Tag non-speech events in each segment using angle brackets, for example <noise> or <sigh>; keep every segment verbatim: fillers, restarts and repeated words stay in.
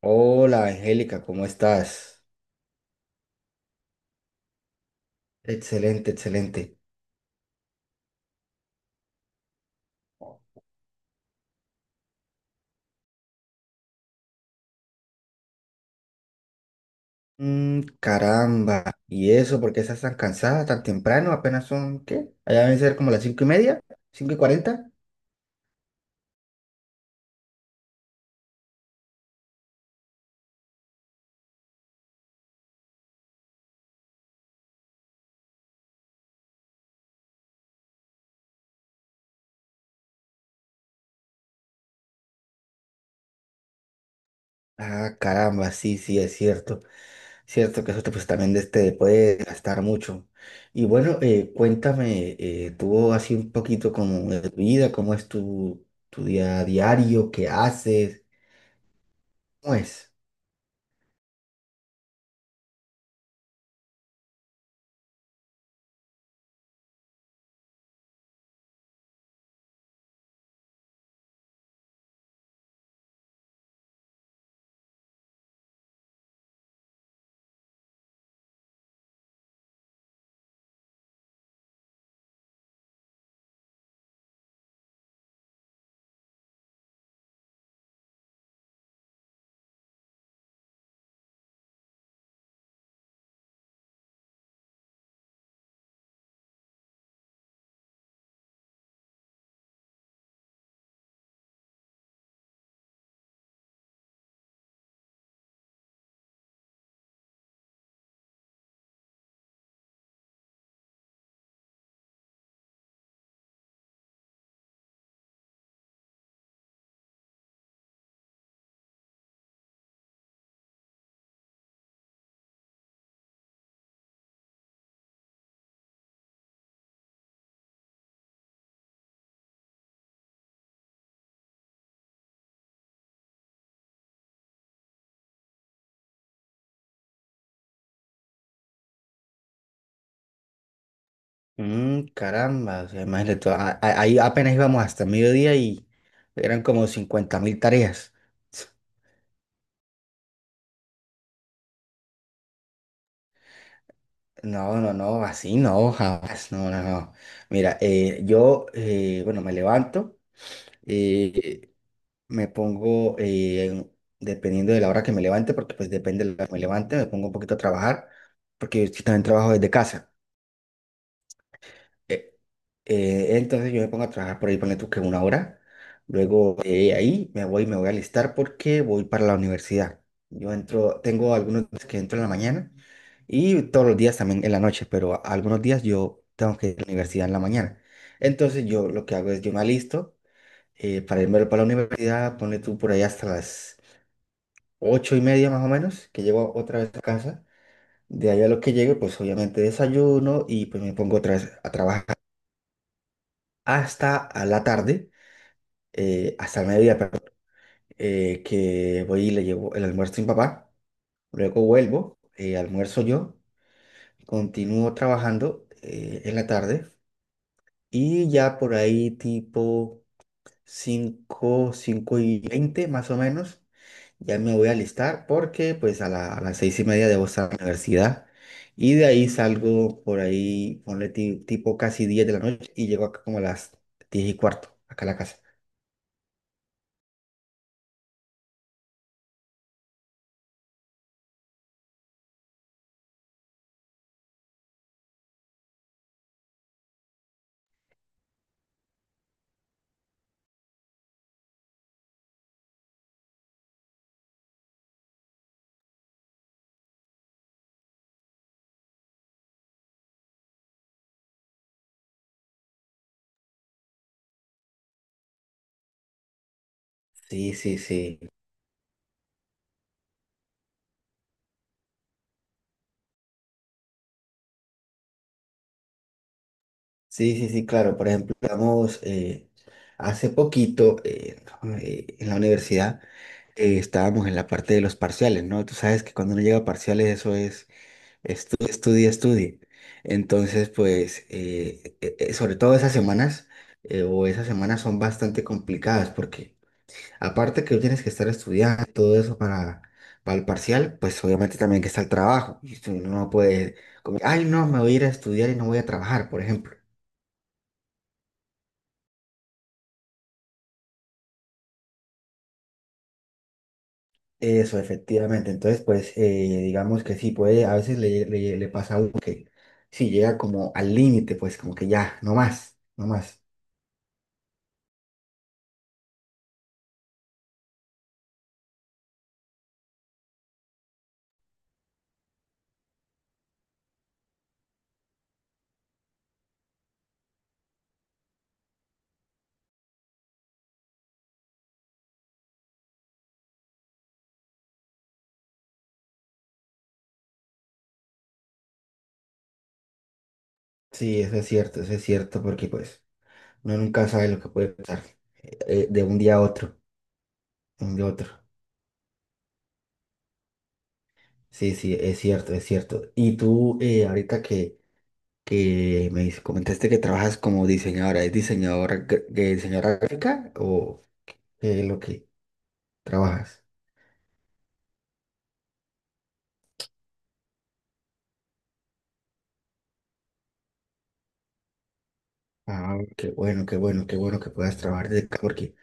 Hola Angélica, ¿cómo estás? Excelente, excelente. Mm, caramba. ¿Y eso? ¿Por qué estás tan cansada tan temprano? Apenas son, ¿qué? Allá deben ser como las cinco y media, cinco y cuarenta. Ah, caramba, sí, sí, es cierto. Cierto que eso te, pues, también de- te puede gastar mucho. Y bueno, eh, cuéntame, eh, tú así un poquito como de tu vida, cómo es tu, tu día diario, qué haces, ¿cómo es? Mm, caramba, o sea, imagínate, tú, a- a- ahí apenas íbamos hasta mediodía y eran como cincuenta mil tareas. No, no, no, así no, jamás, no, no, no. Mira, eh, yo, eh, bueno, me levanto, eh, me pongo, eh, dependiendo de la hora que me levante, porque pues depende de la hora que me levante, me pongo un poquito a trabajar, porque yo sí también trabajo desde casa. Eh, eh, entonces yo me pongo a trabajar por ahí, ponle tú que una hora. Luego eh, ahí me voy, me voy a alistar porque voy para la universidad. Yo entro, tengo algunos días que entro en la mañana y todos los días también en la noche, pero a- algunos días yo tengo que ir a la universidad en la mañana. Entonces yo lo que hago es yo me alisto eh, para irme para la universidad, ponle tú por ahí hasta las ocho y media más o menos, que llego otra vez a casa. De ahí a lo que llegue, pues obviamente desayuno y pues me pongo otra vez a trabajar hasta a la tarde, eh, hasta el mediodía, perdón, eh, que voy y le llevo el almuerzo a mi papá, luego vuelvo, eh, almuerzo yo, continúo trabajando eh, en la tarde y ya por ahí tipo cinco cinco y veinte más o menos, ya me voy a alistar porque pues a, la- a las seis y media debo estar en la universidad. Y de ahí salgo por ahí, ponle ti- tipo casi diez de la noche y llego acá como a las diez y cuarto, acá a la casa. Sí, sí, sí. Sí, sí, sí, claro. Por ejemplo, digamos, eh, hace poquito eh, no, eh, en la universidad eh, estábamos en la parte de los parciales, ¿no? Tú sabes que cuando uno llega a parciales eso es estudia, estudia, estudia. Entonces, pues, eh, eh, eh, sobre todo esas semanas eh, o esas semanas son bastante complicadas porque aparte que tienes que estar estudiando y todo eso para, para el parcial, pues obviamente también que está el trabajo. Y tú no puedes como, ay, no, me voy a ir a estudiar y no voy a trabajar, por ejemplo. Eso, efectivamente. Entonces, pues eh, digamos que sí, puede, a veces le, le, le pasa a uno que sí llega como al límite, pues como que ya, no más, no más. Sí, eso es cierto, eso es cierto, porque pues uno nunca sabe lo que puede pasar eh, de un día a otro, de un día a otro. Sí, sí, es cierto, es cierto. Y tú, eh, ahorita que que me comentaste que trabajas como diseñadora. ¿Es diseñadora, gr- eh, diseñadora gráfica o qué es lo que trabajas? Ah, qué bueno, qué bueno, qué bueno que puedas trabajar desde casa porque,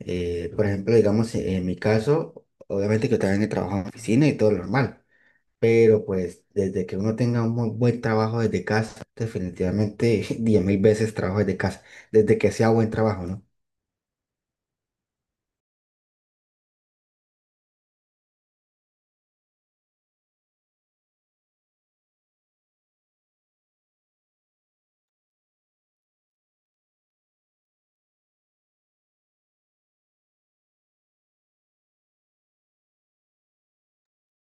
eh, por ejemplo, digamos, eh, en mi caso, obviamente que yo también he trabajado en oficina y todo lo normal, pero pues desde que uno tenga un muy buen trabajo desde casa, definitivamente <laughs> diez mil veces trabajo desde casa, desde que sea buen trabajo, ¿no?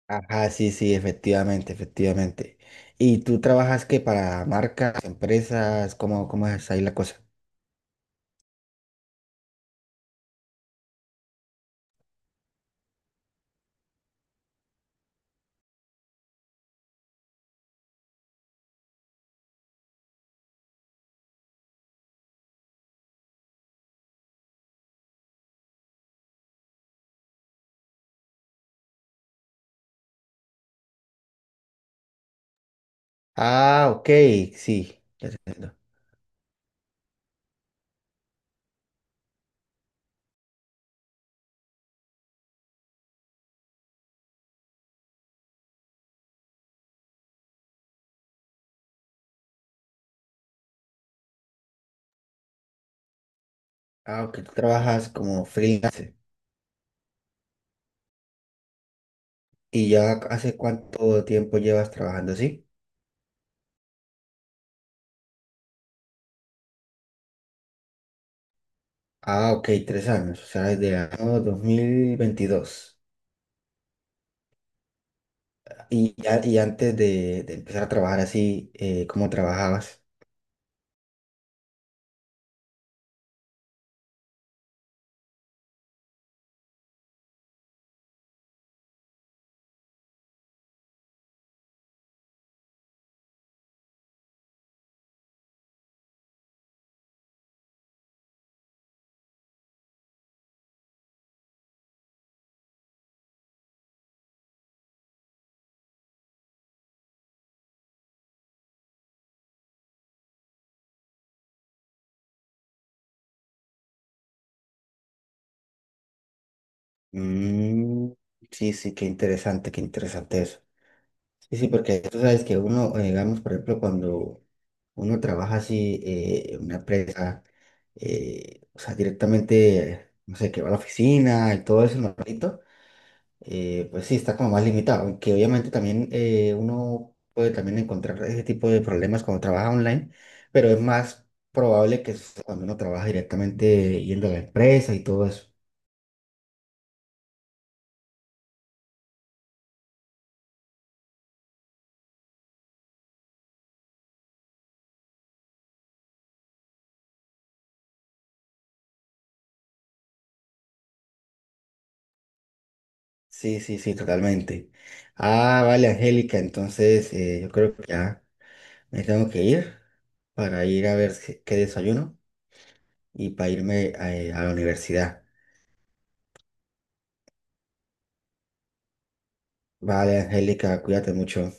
Ajá, sí, sí, efectivamente, efectivamente. ¿Y tú trabajas qué para marcas, empresas? ¿Cómo, cómo es ahí la cosa? Ah, ok, sí, ya te entiendo. Ah, ok, tú trabajas como freelance. ¿Y ya hace cuánto tiempo llevas trabajando así? Ah, ok, tres años, o sea, desde el año dos mil veintidós. ¿Y, ya- y antes de, de empezar a trabajar así, eh, cómo trabajabas? Mm, sí, sí, qué interesante, qué interesante eso. Sí, sí, porque tú sabes que uno, eh, digamos, por ejemplo, cuando uno trabaja así eh, en una empresa, eh, o sea, directamente, no sé, que va a la oficina y todo eso, normalito, eh, pues sí, está como más limitado, aunque obviamente también eh, uno puede también encontrar ese tipo de problemas cuando trabaja online, pero es más probable que suceda cuando uno trabaja directamente yendo a la empresa y todo eso. Sí, sí, sí, totalmente. Ah, vale, Angélica, entonces eh, yo creo que ya. Me tengo que ir para ir a ver si- qué desayuno y para irme a, a la universidad. Vale, Angélica, cuídate mucho.